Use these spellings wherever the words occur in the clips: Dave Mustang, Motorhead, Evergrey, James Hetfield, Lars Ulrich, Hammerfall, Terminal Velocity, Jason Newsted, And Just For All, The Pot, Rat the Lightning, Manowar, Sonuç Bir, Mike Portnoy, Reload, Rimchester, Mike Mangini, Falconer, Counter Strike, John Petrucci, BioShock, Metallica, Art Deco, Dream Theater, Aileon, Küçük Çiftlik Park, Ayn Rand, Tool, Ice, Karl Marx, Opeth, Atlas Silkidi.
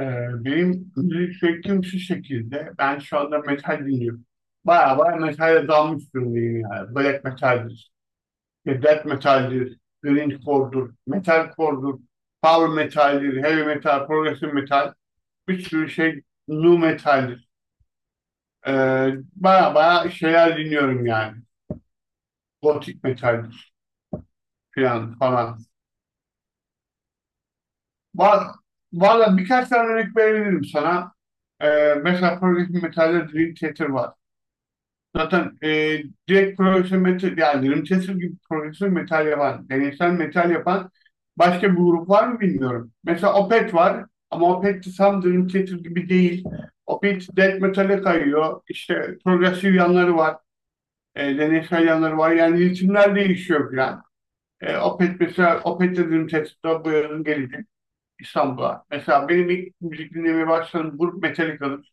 Ee, Benim müzik zevkim şu şekilde. Ben şu anda metal dinliyorum. Baya baya metale dalmış durumdayım yani. Black metaldir, işte death metaldir, grindcore'dur, metalcore'dur, power metaldir, heavy metal, progressive metal. Bir sürü şey nu metaldir. Ee, Baya baya şeyler dinliyorum yani. Gothic metaldir falan falan. Var, valla birkaç tane örnek verebilirim sana. Mesela progressive metalde Dream Theater var. Zaten direkt profesyonel metal, yani Rimchester gibi profesyonel metal yapan, deneysel metal yapan başka bir grup var mı bilmiyorum. Mesela Opeth var ama Opeth de tam Rimchester gibi değil. Opeth death metal'e kayıyor. İşte progresif yanları var, deneysel yanları var. Yani ritimler değişiyor falan. Opeth mesela, Opeth de Rimchester'da bu yazın gelecek İstanbul'a. Mesela benim ilk müzik dinlemeye başladığım grup Metallica'dır.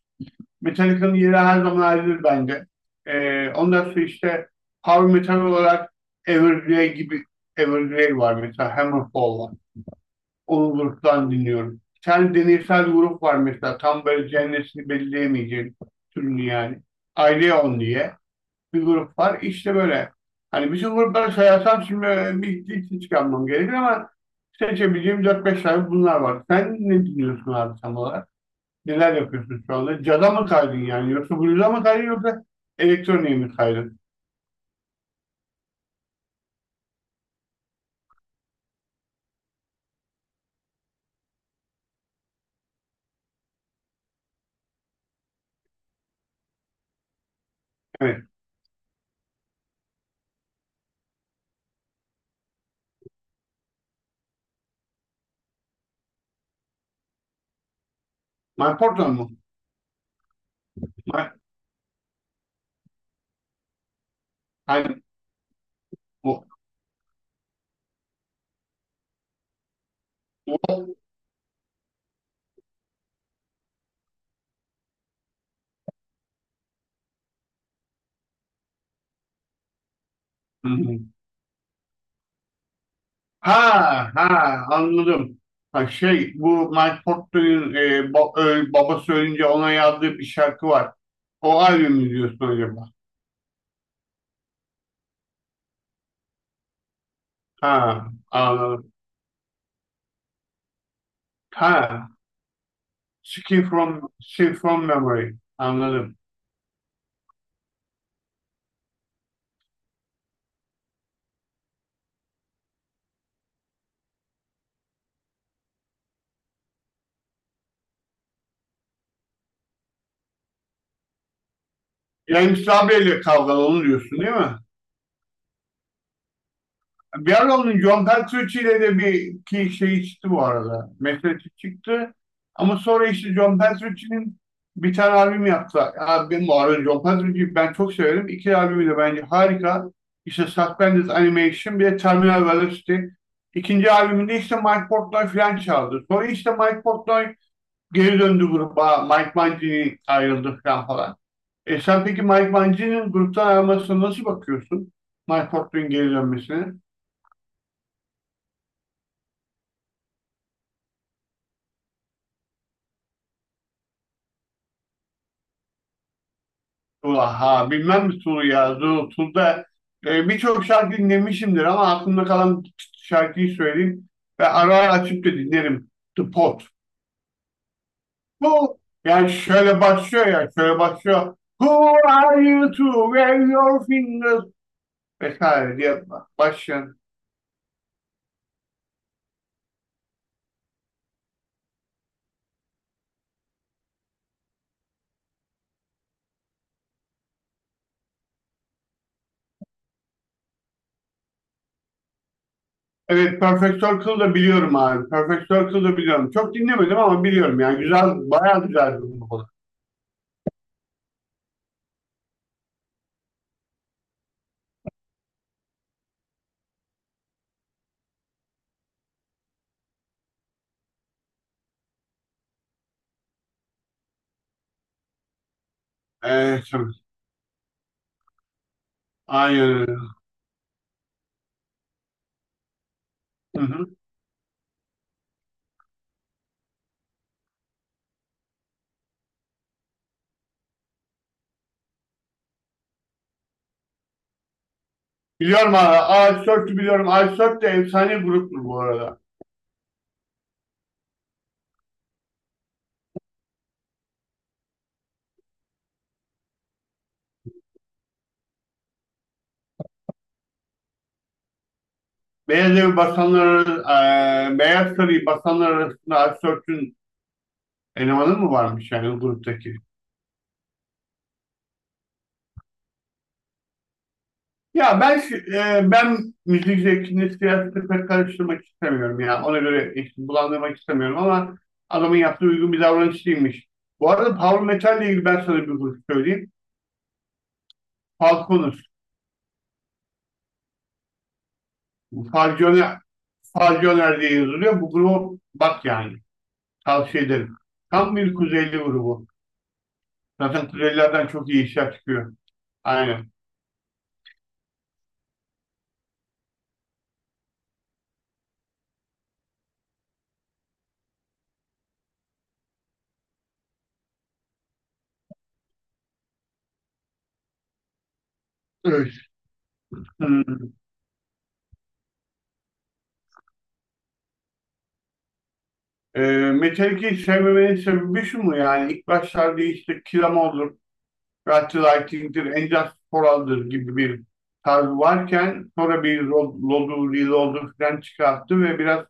Metallica'nın yeri her zaman ayrıdır bende. Ondan sonra işte power metal olarak Evergrey gibi Evergrey var mesela Hammerfall var. Onun gruptan dinliyorum. Sen deneysel grup var mesela tam böyle cennesini belirleyemeyeceğin türünü yani. Aileon diye bir grup var. İşte böyle. Hani bütün grupları sayarsam şimdi bir hiç çıkarmam gerekir ama seçebileceğim 4-5 tane bunlar var. Sen ne dinliyorsun abi tam olarak? Neler yapıyorsun şu anda? Cada mı kaydın yani? Yoksa Blues'a mı kaydın yoksa elektroniğe mi kaydın? Evet. My Portal mı? My, hani, o, o- Ha ha anladım. Ha şey bu Mike Portnoy'un babası ölünce ona yazdığı bir şarkı var. O albümü diyorsun acaba? Ha anladım. Ha Skin from Memory anladım. James Labrie ile kavgalı onu diyorsun değil mi? Bir ara onun John Petrucci ile de bir ki şey çıktı bu arada. Meselesi çıktı. Ama sonra işte John Petrucci'nin bir tane albüm yaptı. Ya benim bu arada John Petrucci'yi ben çok severim. İki albümü de bence harika. İşte Suspended Animation bir de Terminal Velocity. İkinci albümünde işte Mike Portnoy falan çaldı. Sonra işte Mike Portnoy geri döndü gruba. Mike Mangini ayrıldı falan falan. Sen peki Mike Mangini'nin gruptan ayrılmasına nasıl bakıyorsun? Mike Portnoy'un geri dönmesine? Ha, bilmem mi Tulu ya? Tul'da birçok şarkı dinlemişimdir ama aklımda kalan şarkıyı söyleyeyim ve ara ara açıp da dinlerim. The Pot. Bu yani şöyle başlıyor ya şöyle başlıyor. Who are you to wave your fingers vesaire diye başlayan. Evet, Perfect Circle da biliyorum abi. Perfect Circle da biliyorum. Çok dinlemedim ama biliyorum yani güzel bayağı güzel bir grup. Evet, evet. Aynen öyle. Hı hı. Biliyorum abi. Ice biliyorum. Ice de efsane gruptur bu arada. Beyaz Evi basanlar, Beyaz Sarayı basanlar arasında Ice elemanı mı varmış yani gruptaki? Ben müzik zevkini siyasetle pek karıştırmak istemiyorum ya. Ona göre eşit bulandırmak istemiyorum ama adamın yaptığı uygun bir davranış değilmiş. Bu arada Power Metal ile ilgili ben sana bir grup söyleyeyim. Falconer. Falconer, Falconer diye yazılıyor. Bu gruba bak yani. Tavsiye ederim. Tam bir Kuzeyli grubu. Zaten Kuzeylilerden çok iyi işler çıkıyor. Aynen. Evet. Hmm. Ee, Metallica'yı sevmemenin sebebi şu mu yani? İlk başlarda işte Kill 'Em All'dur, Rat the Lightning'dir, And Just For All'dır gibi bir tarzı varken sonra bir Lod'u, Reload'u falan çıkarttı ve biraz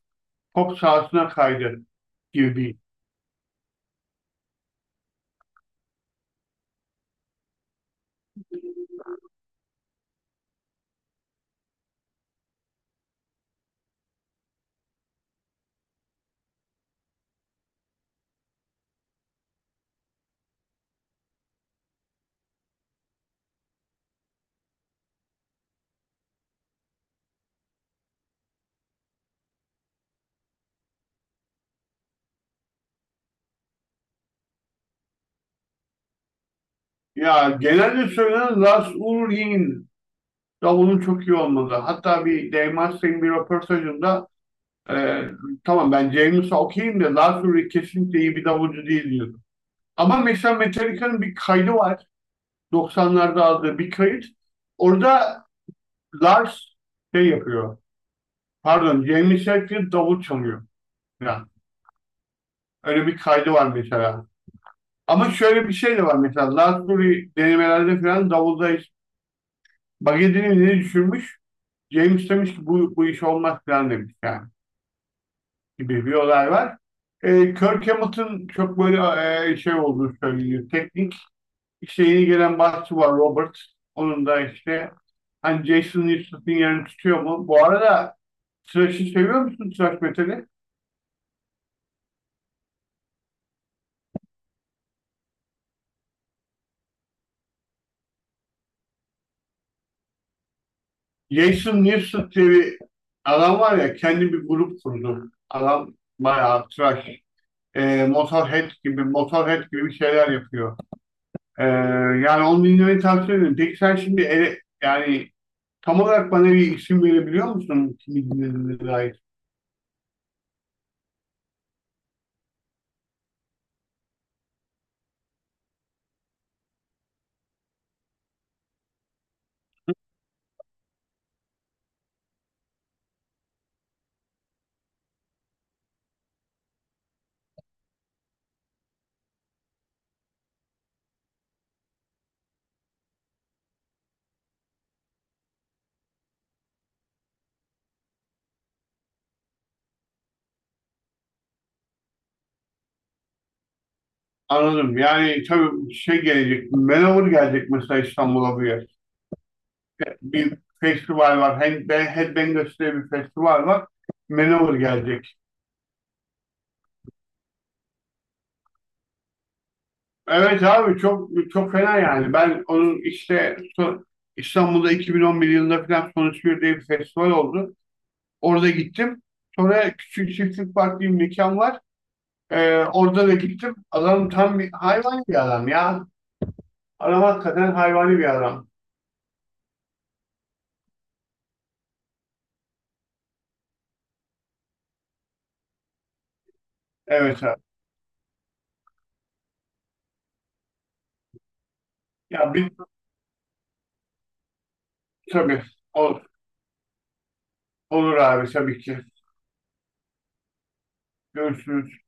pop sahasına kaydı gibi bir. Ya genelde söylenen Lars Ulrich'in davulun çok iyi olmadı. Hatta bir Dave Mustang bir röportajında Ee, tamam ben James'a okeyim de Lowry kesinlikle iyi bir davulcu değil diyordum. Ama mesela Metallica'nın bir kaydı var. 90'larda aldığı bir kayıt. Orada Lars şey yapıyor. Pardon, James Hetfield davul çalıyor. Yani öyle bir kaydı var mesela. Ama şöyle bir şey de var mesela. Lars Ulrich denemelerde falan davulda hiç bagetini ne düşürmüş. James demiş ki bu iş olmaz falan demiş yani. Gibi bir olay var. Kirk Hamilton çok böyle şey olduğu söyleniyor. Teknik işte yeni gelen basçı var Robert. Onun da işte hani Jason Newstet'in yerini tutuyor mu? Bu arada Thrash'ı seviyor musun Thrash metali? Jason Newsted diye bir adam var ya kendi bir grup kurdu. Adam bayağı Thrash, Motorhead gibi bir şeyler yapıyor. E, Yani onu dinlemeyi tavsiye ederim. Peki sen şimdi yani tam olarak bana bir isim verebiliyor musun kimi dinlediğine dair? Anladım. Yani tabii şey gelecek, Manowar gelecek mesela İstanbul'a bu yer. Bir festival var. Headbangers diye bir festival var. Manowar gelecek. Evet abi çok çok fena yani. Ben onun işte İstanbul'da 2011 yılında falan Sonuç Bir diye bir festival oldu. Orada gittim. Sonra Küçük Çiftlik Park diye bir mekan var. Orada da gittim. Adam tam bir hayvan bir adam ya. Adam hakikaten hayvani bir adam. Evet abi. Ya bir tabii. Ol- olur abi tabii ki. Görüşürüz.